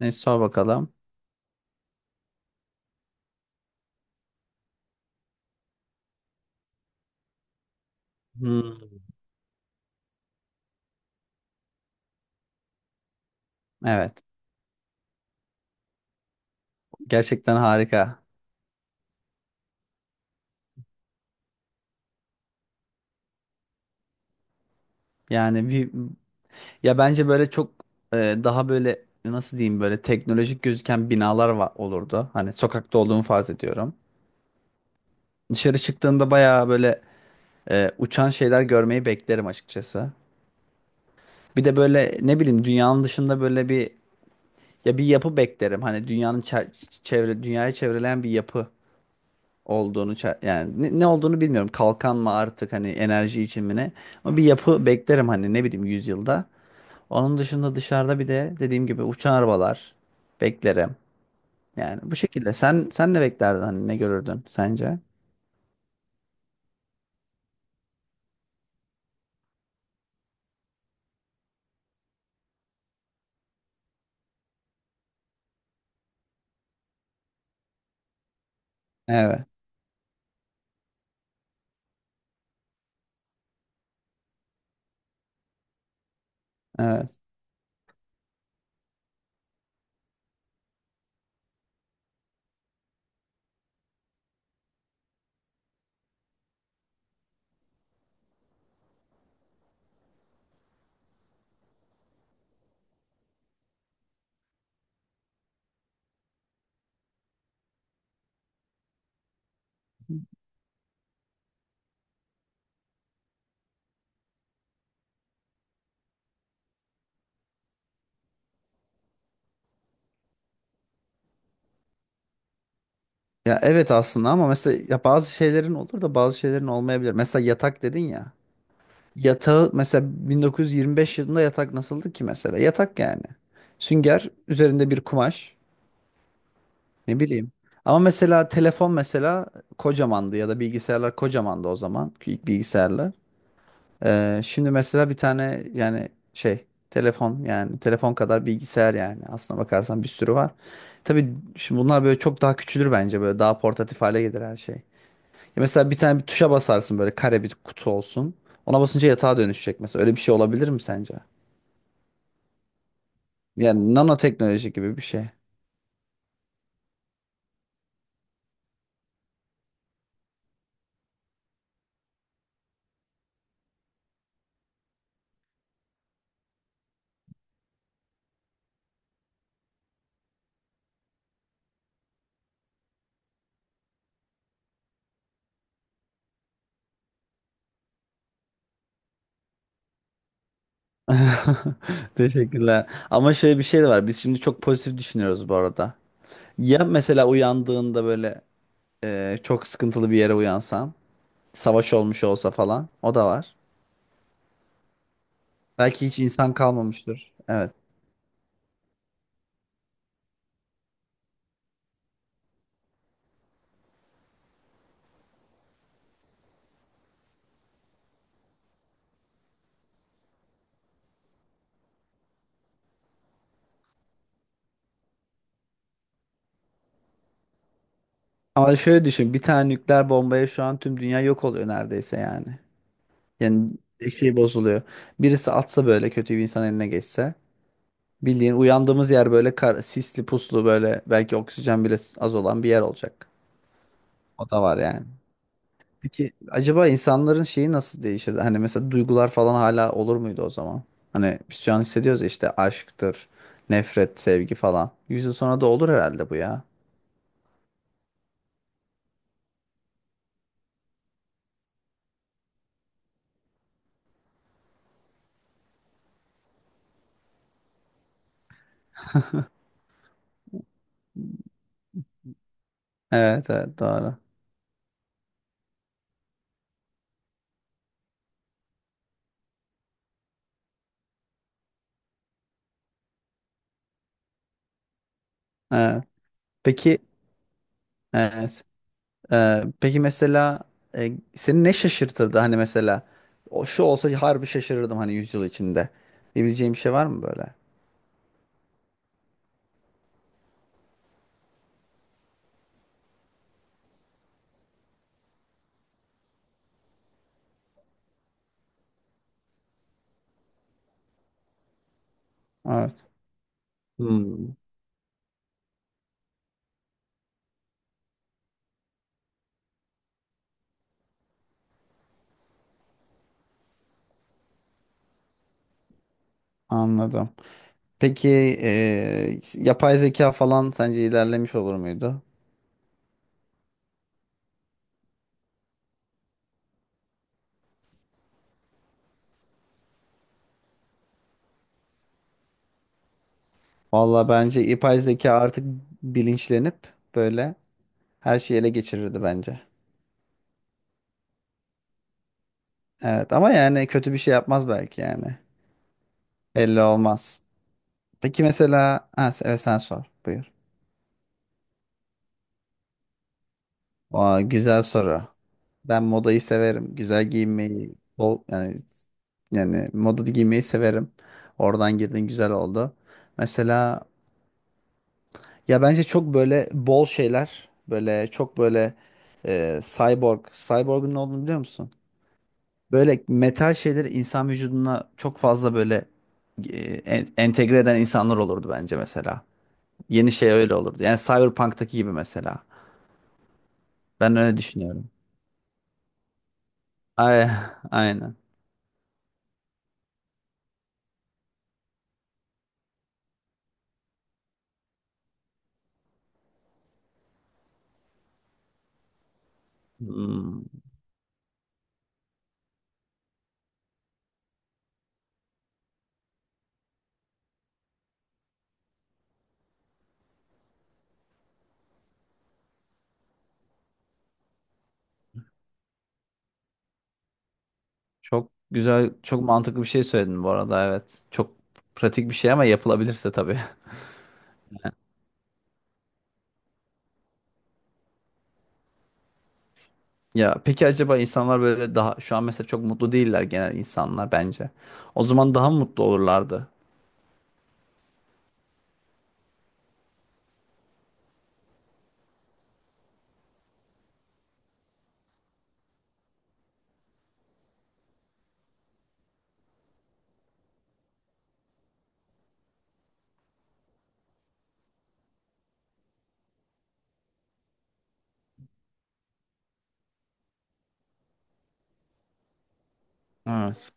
E, sor bakalım. Evet. Gerçekten harika. Yani bir ya bence böyle çok e, daha böyle nasıl diyeyim böyle teknolojik gözüken binalar var olurdu. Hani sokakta olduğumu farz ediyorum. Dışarı çıktığımda bayağı böyle uçan şeyler görmeyi beklerim açıkçası. Bir de böyle ne bileyim dünyanın dışında böyle bir ya bir yapı beklerim. Hani dünyanın çevre dünyayı çevreleyen bir yapı. Olduğunu yani ne olduğunu bilmiyorum. Kalkan mı artık hani enerji için mi ne? Ama bir yapı beklerim hani ne bileyim yüzyılda. Onun dışında dışarıda bir de dediğim gibi uçan arabalar beklerim. Yani bu şekilde. Sen ne beklerdin hani ne görürdün sence? Evet. Evet. Ya evet aslında ama mesela ya bazı şeylerin olur da bazı şeylerin olmayabilir. Mesela yatak dedin ya. Yatağı mesela 1925 yılında yatak nasıldı ki mesela? Yatak yani. Sünger üzerinde bir kumaş. Ne bileyim. Ama mesela telefon mesela kocamandı ya da bilgisayarlar kocamandı o zaman. İlk bilgisayarlar. Şimdi mesela bir tane yani şey telefon yani telefon kadar bilgisayar yani aslına bakarsan bir sürü var. Tabii şimdi bunlar böyle çok daha küçülür bence böyle daha portatif hale gelir her şey. Ya mesela bir tane bir tuşa basarsın böyle kare bir kutu olsun. Ona basınca yatağa dönüşecek mesela. Öyle bir şey olabilir mi sence? Yani nanoteknoloji gibi bir şey. Teşekkürler. Ama şöyle bir şey de var. Biz şimdi çok pozitif düşünüyoruz bu arada. Ya mesela uyandığında böyle çok sıkıntılı bir yere uyansan, savaş olmuş olsa falan, o da var. Belki hiç insan kalmamıştır. Evet. Ama şöyle düşün, bir tane nükleer bombaya şu an tüm dünya yok oluyor neredeyse yani. Yani bir şey bozuluyor. Birisi atsa böyle kötü bir insan eline geçse, bildiğin uyandığımız yer böyle kar, sisli puslu böyle belki oksijen bile az olan bir yer olacak. O da var yani. Peki acaba insanların şeyi nasıl değişirdi? Hani mesela duygular falan hala olur muydu o zaman? Hani biz şu an hissediyoruz ya işte aşktır, nefret, sevgi falan. 100 yıl sonra da olur herhalde bu ya. Evet, evet doğru. Evet. Peki evet. Peki mesela seni ne şaşırtırdı? Hani mesela o şu olsa harbi şaşırırdım hani 100 yıl içinde. Diyebileceğim bir şey var mı böyle? Evet. Hmm, anladım. Peki yapay zeka falan sence ilerlemiş olur muydu? Valla bence yapay zeka artık bilinçlenip böyle her şeyi ele geçirirdi bence. Evet ama yani kötü bir şey yapmaz belki yani. Belli olmaz. Peki mesela ha, evet sen sor buyur. Aa, güzel soru. Ben modayı severim. Güzel giyinmeyi bol yani moda giymeyi severim. Oradan girdin güzel oldu. Mesela ya bence çok böyle bol şeyler böyle çok böyle cyborg. Cyborg'un ne olduğunu biliyor musun? Böyle metal şeyleri insan vücuduna çok fazla böyle e, entegre eden insanlar olurdu bence mesela. Yeni şey öyle olurdu. Yani Cyberpunk'taki gibi mesela. Ben öyle düşünüyorum. Ay, aynen. Hmm. Çok güzel, çok mantıklı bir şey söyledin bu arada evet. Çok pratik bir şey ama yapılabilirse tabii. Ya peki acaba insanlar böyle daha şu an mesela çok mutlu değiller genel insanlar bence. O zaman daha mı mutlu olurlardı? Evet.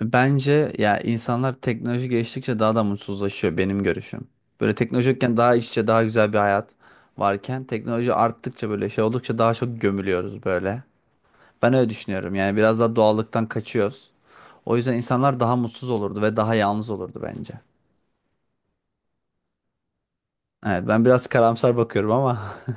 Bence ya insanlar teknoloji geliştikçe daha da mutsuzlaşıyor benim görüşüm. Böyle teknoloji yokken daha iç içe daha güzel bir hayat varken teknoloji arttıkça böyle şey oldukça daha çok gömülüyoruz böyle. Ben öyle düşünüyorum yani biraz daha doğallıktan kaçıyoruz. O yüzden insanlar daha mutsuz olurdu ve daha yalnız olurdu bence. Evet, ben biraz karamsar bakıyorum ama.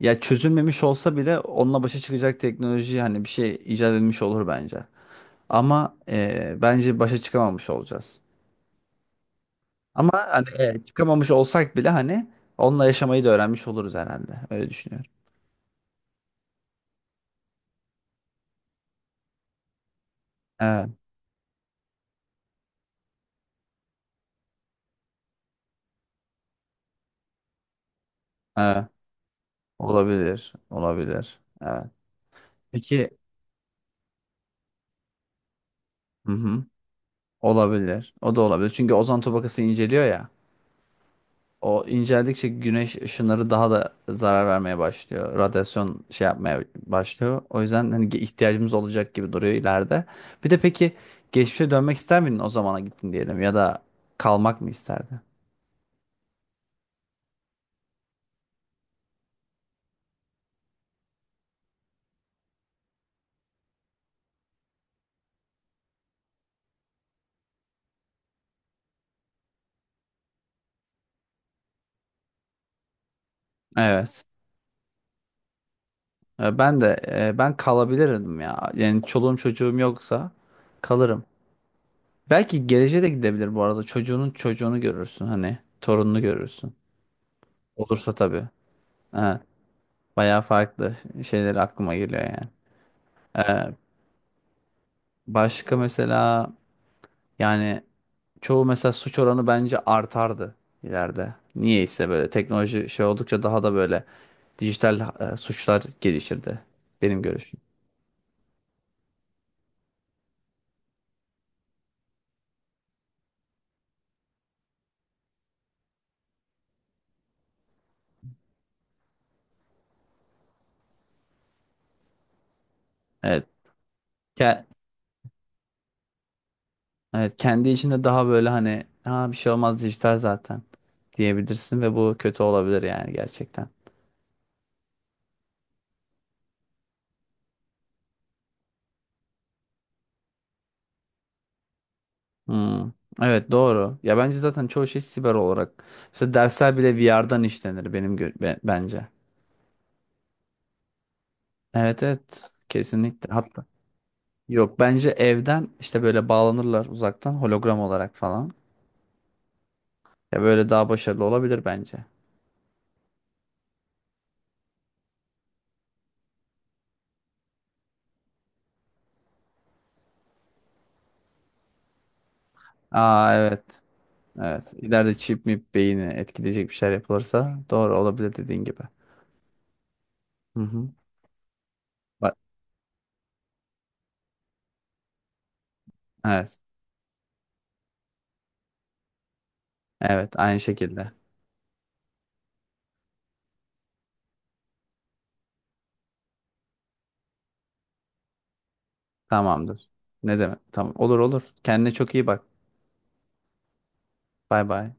Ya çözülmemiş olsa bile onunla başa çıkacak teknoloji hani bir şey icat edilmiş olur bence. Ama bence başa çıkamamış olacağız. Ama hani çıkamamış olsak bile hani onunla yaşamayı da öğrenmiş oluruz herhalde. Öyle düşünüyorum. Evet, evet. Olabilir, olabilir. Evet. Peki, hı hı. Olabilir. O da olabilir. Çünkü ozon tabakası inceliyor ya. O inceldikçe güneş ışınları daha da zarar vermeye başlıyor. Radyasyon şey yapmaya başlıyor. O yüzden hani ihtiyacımız olacak gibi duruyor ileride. Bir de peki geçmişe dönmek ister miydin o zamana gittin diyelim ya da kalmak mı isterdin? Evet. Ben kalabilirim ya. Yani çoluğum çocuğum yoksa kalırım. Belki geleceğe de gidebilir bu arada. Çocuğunun çocuğunu görürsün hani. Torununu görürsün. Olursa tabii. Ha, bayağı farklı şeyler aklıma geliyor yani. E, Başka mesela yani çoğu mesela suç oranı bence artardı ileride. Niyeyse böyle teknoloji şey oldukça daha da böyle dijital suçlar gelişirdi. Benim görüşüm. Evet. Ke- Evet, kendi içinde daha böyle hani ha bir şey olmaz dijital zaten diyebilirsin ve bu kötü olabilir yani gerçekten. Hmm. Evet, doğru. Ya bence zaten çoğu şey siber olarak. Mesela dersler bile VR'dan işlenir benim bence. Evet, evet, kesinlikle. Hatta yok bence evden işte böyle bağlanırlar uzaktan hologram olarak falan. Ya böyle daha başarılı olabilir bence. Aa, evet. Evet. İleride çip mi beyni etkileyecek bir şeyler yapılırsa doğru olabilir dediğin gibi. Hı hı. Bak, evet. Evet, aynı şekilde. Tamamdır. Ne demek? Tamam. Olur, olur. Kendine çok iyi bak. Bay bay.